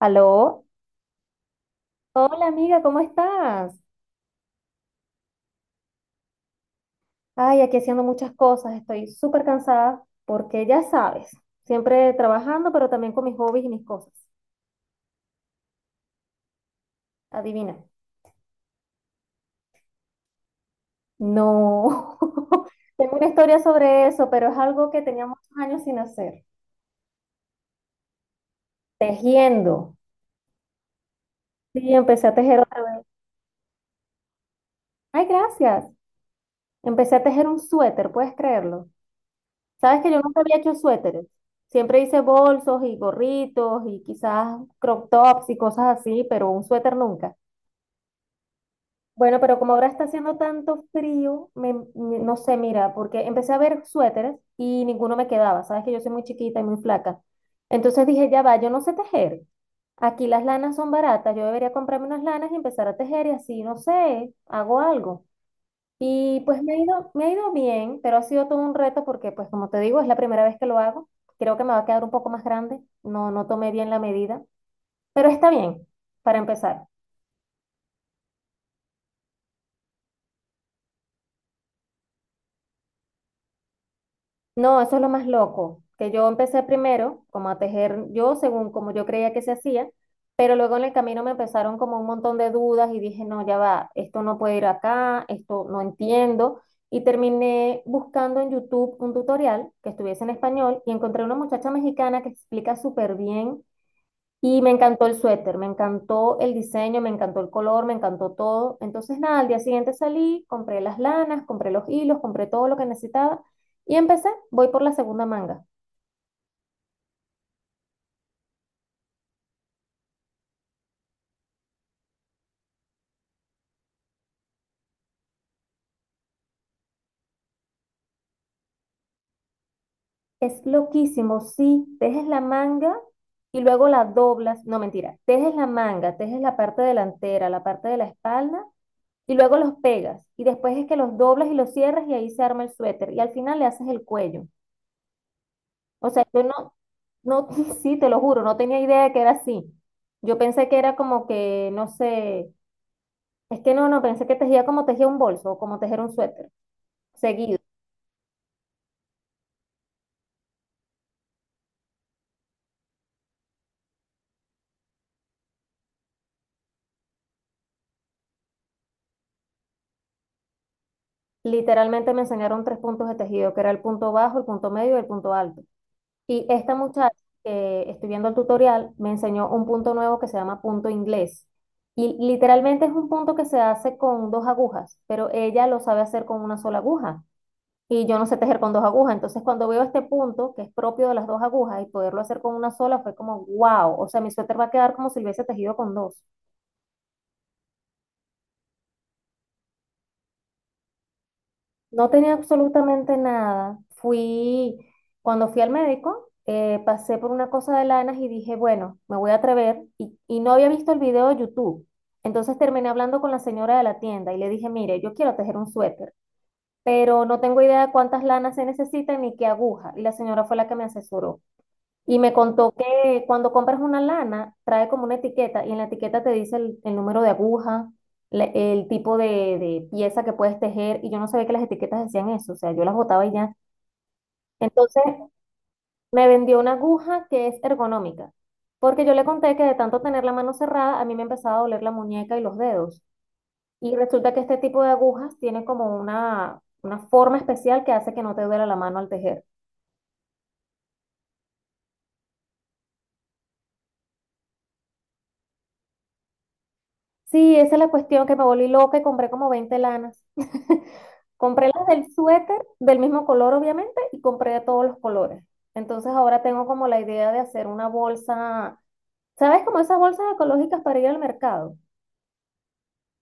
Aló, hola amiga, ¿cómo estás? Ay, aquí haciendo muchas cosas, estoy súper cansada porque ya sabes, siempre trabajando, pero también con mis hobbies y mis cosas. Adivina. No, tengo una historia sobre eso, pero es algo que tenía muchos años sin hacer. Tejiendo. Sí, empecé a tejer otra vez. Ay, gracias. Empecé a tejer un suéter, ¿puedes creerlo? Sabes que yo nunca había hecho suéteres. Siempre hice bolsos y gorritos y quizás crop tops y cosas así, pero un suéter nunca. Bueno, pero como ahora está haciendo tanto frío, no sé, mira, porque empecé a ver suéteres y ninguno me quedaba. Sabes que yo soy muy chiquita y muy flaca. Entonces dije, ya va, yo no sé tejer. Aquí las lanas son baratas, yo debería comprarme unas lanas y empezar a tejer y así, no sé, hago algo. Y pues me ha ido bien, pero ha sido todo un reto porque, pues como te digo, es la primera vez que lo hago. Creo que me va a quedar un poco más grande. No, no tomé bien la medida, pero está bien para empezar. No, eso es lo más loco, que yo empecé primero como a tejer yo según como yo creía que se hacía, pero luego en el camino me empezaron como un montón de dudas y dije, no, ya va, esto no puede ir acá, esto no entiendo. Y terminé buscando en YouTube un tutorial que estuviese en español y encontré una muchacha mexicana que explica súper bien y me encantó el suéter, me encantó el diseño, me encantó el color, me encantó todo. Entonces, nada, al día siguiente salí, compré las lanas, compré los hilos, compré todo lo que necesitaba y empecé. Voy por la segunda manga. Es loquísimo, sí, tejes la manga y luego la doblas. No, mentira, tejes la manga, tejes la parte delantera, la parte de la espalda y luego los pegas. Y después es que los doblas y los cierras y ahí se arma el suéter. Y al final le haces el cuello. O sea, yo no, no, sí, te lo juro, no tenía idea de que era así. Yo pensé que era como que, no sé, es que no, no, pensé que tejía como tejía un bolso o como tejer un suéter, seguido. Literalmente me enseñaron tres puntos de tejido, que era el punto bajo, el punto medio y el punto alto. Y esta muchacha que estoy viendo el tutorial me enseñó un punto nuevo que se llama punto inglés. Y literalmente es un punto que se hace con dos agujas, pero ella lo sabe hacer con una sola aguja. Y yo no sé tejer con dos agujas. Entonces, cuando veo este punto, que es propio de las dos agujas, y poderlo hacer con una sola, fue como, wow, o sea, mi suéter va a quedar como si lo hubiese tejido con dos. No tenía absolutamente nada. Fui, cuando fui al médico, pasé por una cosa de lanas y dije, bueno, me voy a atrever, y no había visto el video de YouTube. Entonces terminé hablando con la señora de la tienda y le dije, mire, yo quiero tejer un suéter, pero no tengo idea de cuántas lanas se necesitan ni qué aguja. Y la señora fue la que me asesoró. Y me contó que cuando compras una lana, trae como una etiqueta y en la etiqueta te dice el número de aguja, el tipo de pieza que puedes tejer. Y yo no sabía que las etiquetas decían eso, o sea, yo las botaba y ya. Entonces me vendió una aguja que es ergonómica, porque yo le conté que de tanto tener la mano cerrada, a mí me empezaba a doler la muñeca y los dedos. Y resulta que este tipo de agujas tiene como una forma especial que hace que no te duela la mano al tejer. Sí, esa es la cuestión que me volví loca y compré como 20 lanas. Compré las del suéter del mismo color, obviamente, y compré de todos los colores. Entonces ahora tengo como la idea de hacer una bolsa, ¿sabes? Como esas bolsas ecológicas para ir al mercado.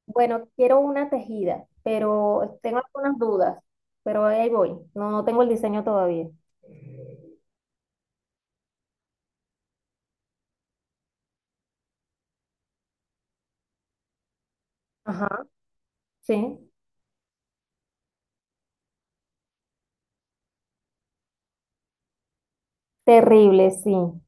Bueno, quiero una tejida, pero tengo algunas dudas, pero ahí voy. No, no tengo el diseño todavía. Ajá, sí. Terrible, sí.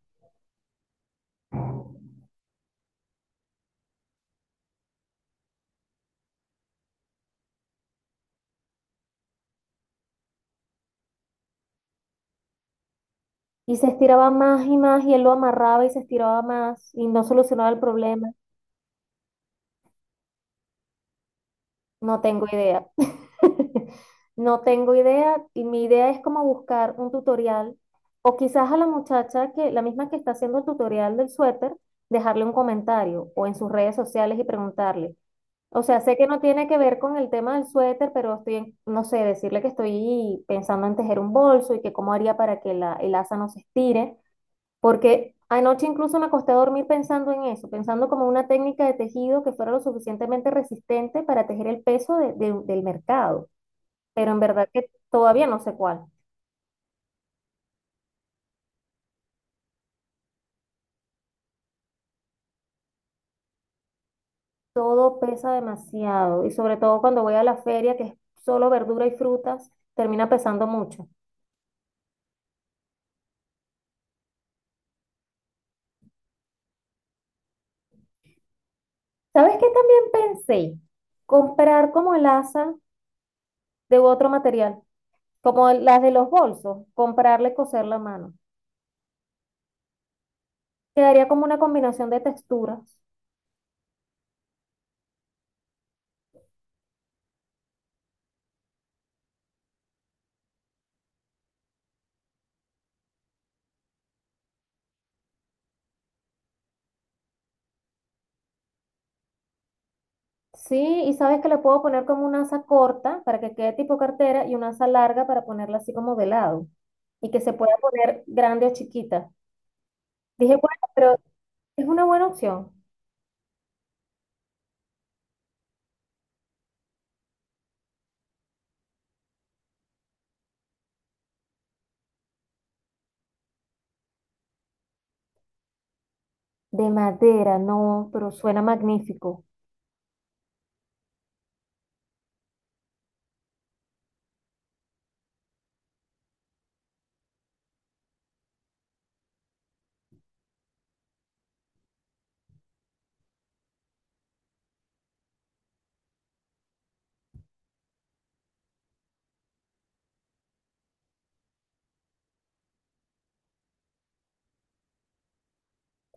Y se estiraba más y más y él lo amarraba y se estiraba más y no solucionaba el problema. No tengo idea. No tengo idea y mi idea es como buscar un tutorial o quizás a la muchacha que, la misma que está haciendo el tutorial del suéter, dejarle un comentario o en sus redes sociales y preguntarle. O sea, sé que no tiene que ver con el tema del suéter, pero estoy, en- no sé, decirle que estoy pensando en tejer un bolso y que cómo haría para que el asa no se estire, porque anoche incluso me acosté a dormir pensando en eso, pensando como una técnica de tejido que fuera lo suficientemente resistente para tejer el peso del mercado, pero en verdad que todavía no sé cuál. Todo pesa demasiado y sobre todo cuando voy a la feria, que es solo verdura y frutas, termina pesando mucho. ¿Sabes qué también pensé? Comprar como asa de otro material, como las de los bolsos, comprarle coser la mano. Quedaría como una combinación de texturas. Sí, y sabes que le puedo poner como una asa corta para que quede tipo cartera y una asa larga para ponerla así como de lado y que se pueda poner grande o chiquita. Dije, bueno, pero es una buena opción. De madera, no, pero suena magnífico.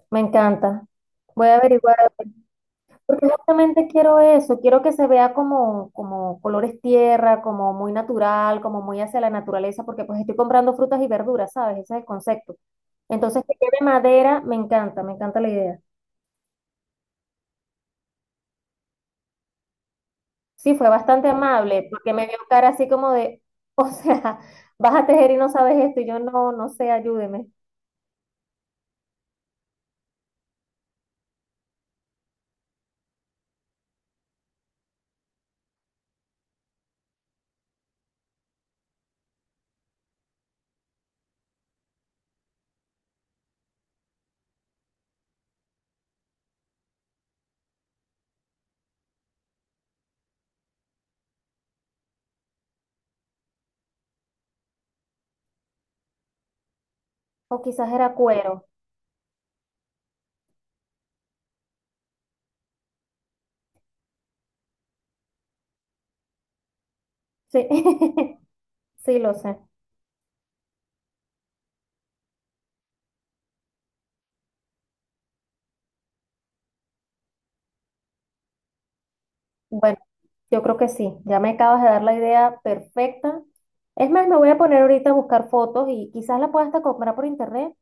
Me encanta. Voy a averiguar, a ver, porque justamente quiero eso, quiero que se vea como, como colores tierra, como muy natural, como muy hacia la naturaleza, porque pues estoy comprando frutas y verduras, ¿sabes? Ese es el concepto. Entonces, que quede madera, me encanta la idea. Sí, fue bastante amable, porque me vio cara así como de, o sea, vas a tejer y no sabes esto, y yo no sé, ayúdeme. O quizás era cuero. Sí, sí, lo sé. Bueno, yo creo que sí, ya me acabas de dar la idea perfecta. Es más, me voy a poner ahorita a buscar fotos y quizás la pueda hasta comprar por internet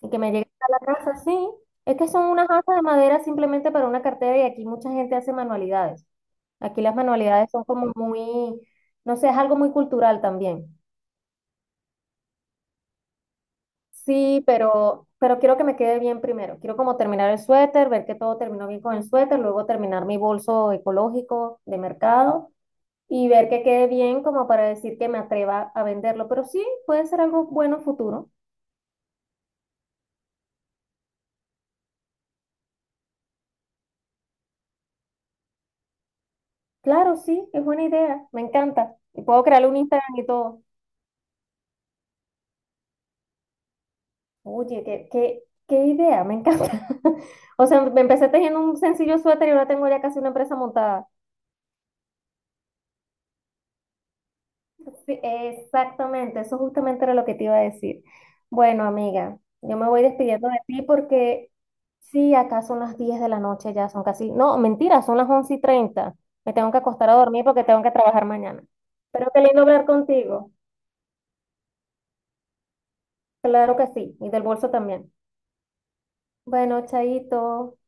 y que me llegue a la casa. Sí, es que son unas asas de madera simplemente para una cartera y aquí mucha gente hace manualidades. Aquí las manualidades son como muy, no sé, es algo muy cultural también. Sí, pero quiero que me quede bien primero. Quiero como terminar el suéter, ver que todo terminó bien con el suéter, luego terminar mi bolso ecológico de mercado y ver que quede bien como para decir que me atreva a venderlo. Pero sí, puede ser algo bueno futuro. Claro, sí, es buena idea, me encanta. Y puedo crearle un Instagram y todo. Oye, qué idea, me encanta. O sea, me empecé tejiendo un sencillo suéter y ahora tengo ya casi una empresa montada. Sí, exactamente, eso justamente era lo que te iba a decir. Bueno, amiga, yo me voy despidiendo de ti porque sí, acá son las 10 de la noche ya, son casi, no, mentira, son las 11 y 30. Me tengo que acostar a dormir porque tengo que trabajar mañana. Pero qué lindo hablar contigo. Claro que sí, y del bolso también. Bueno, chaito.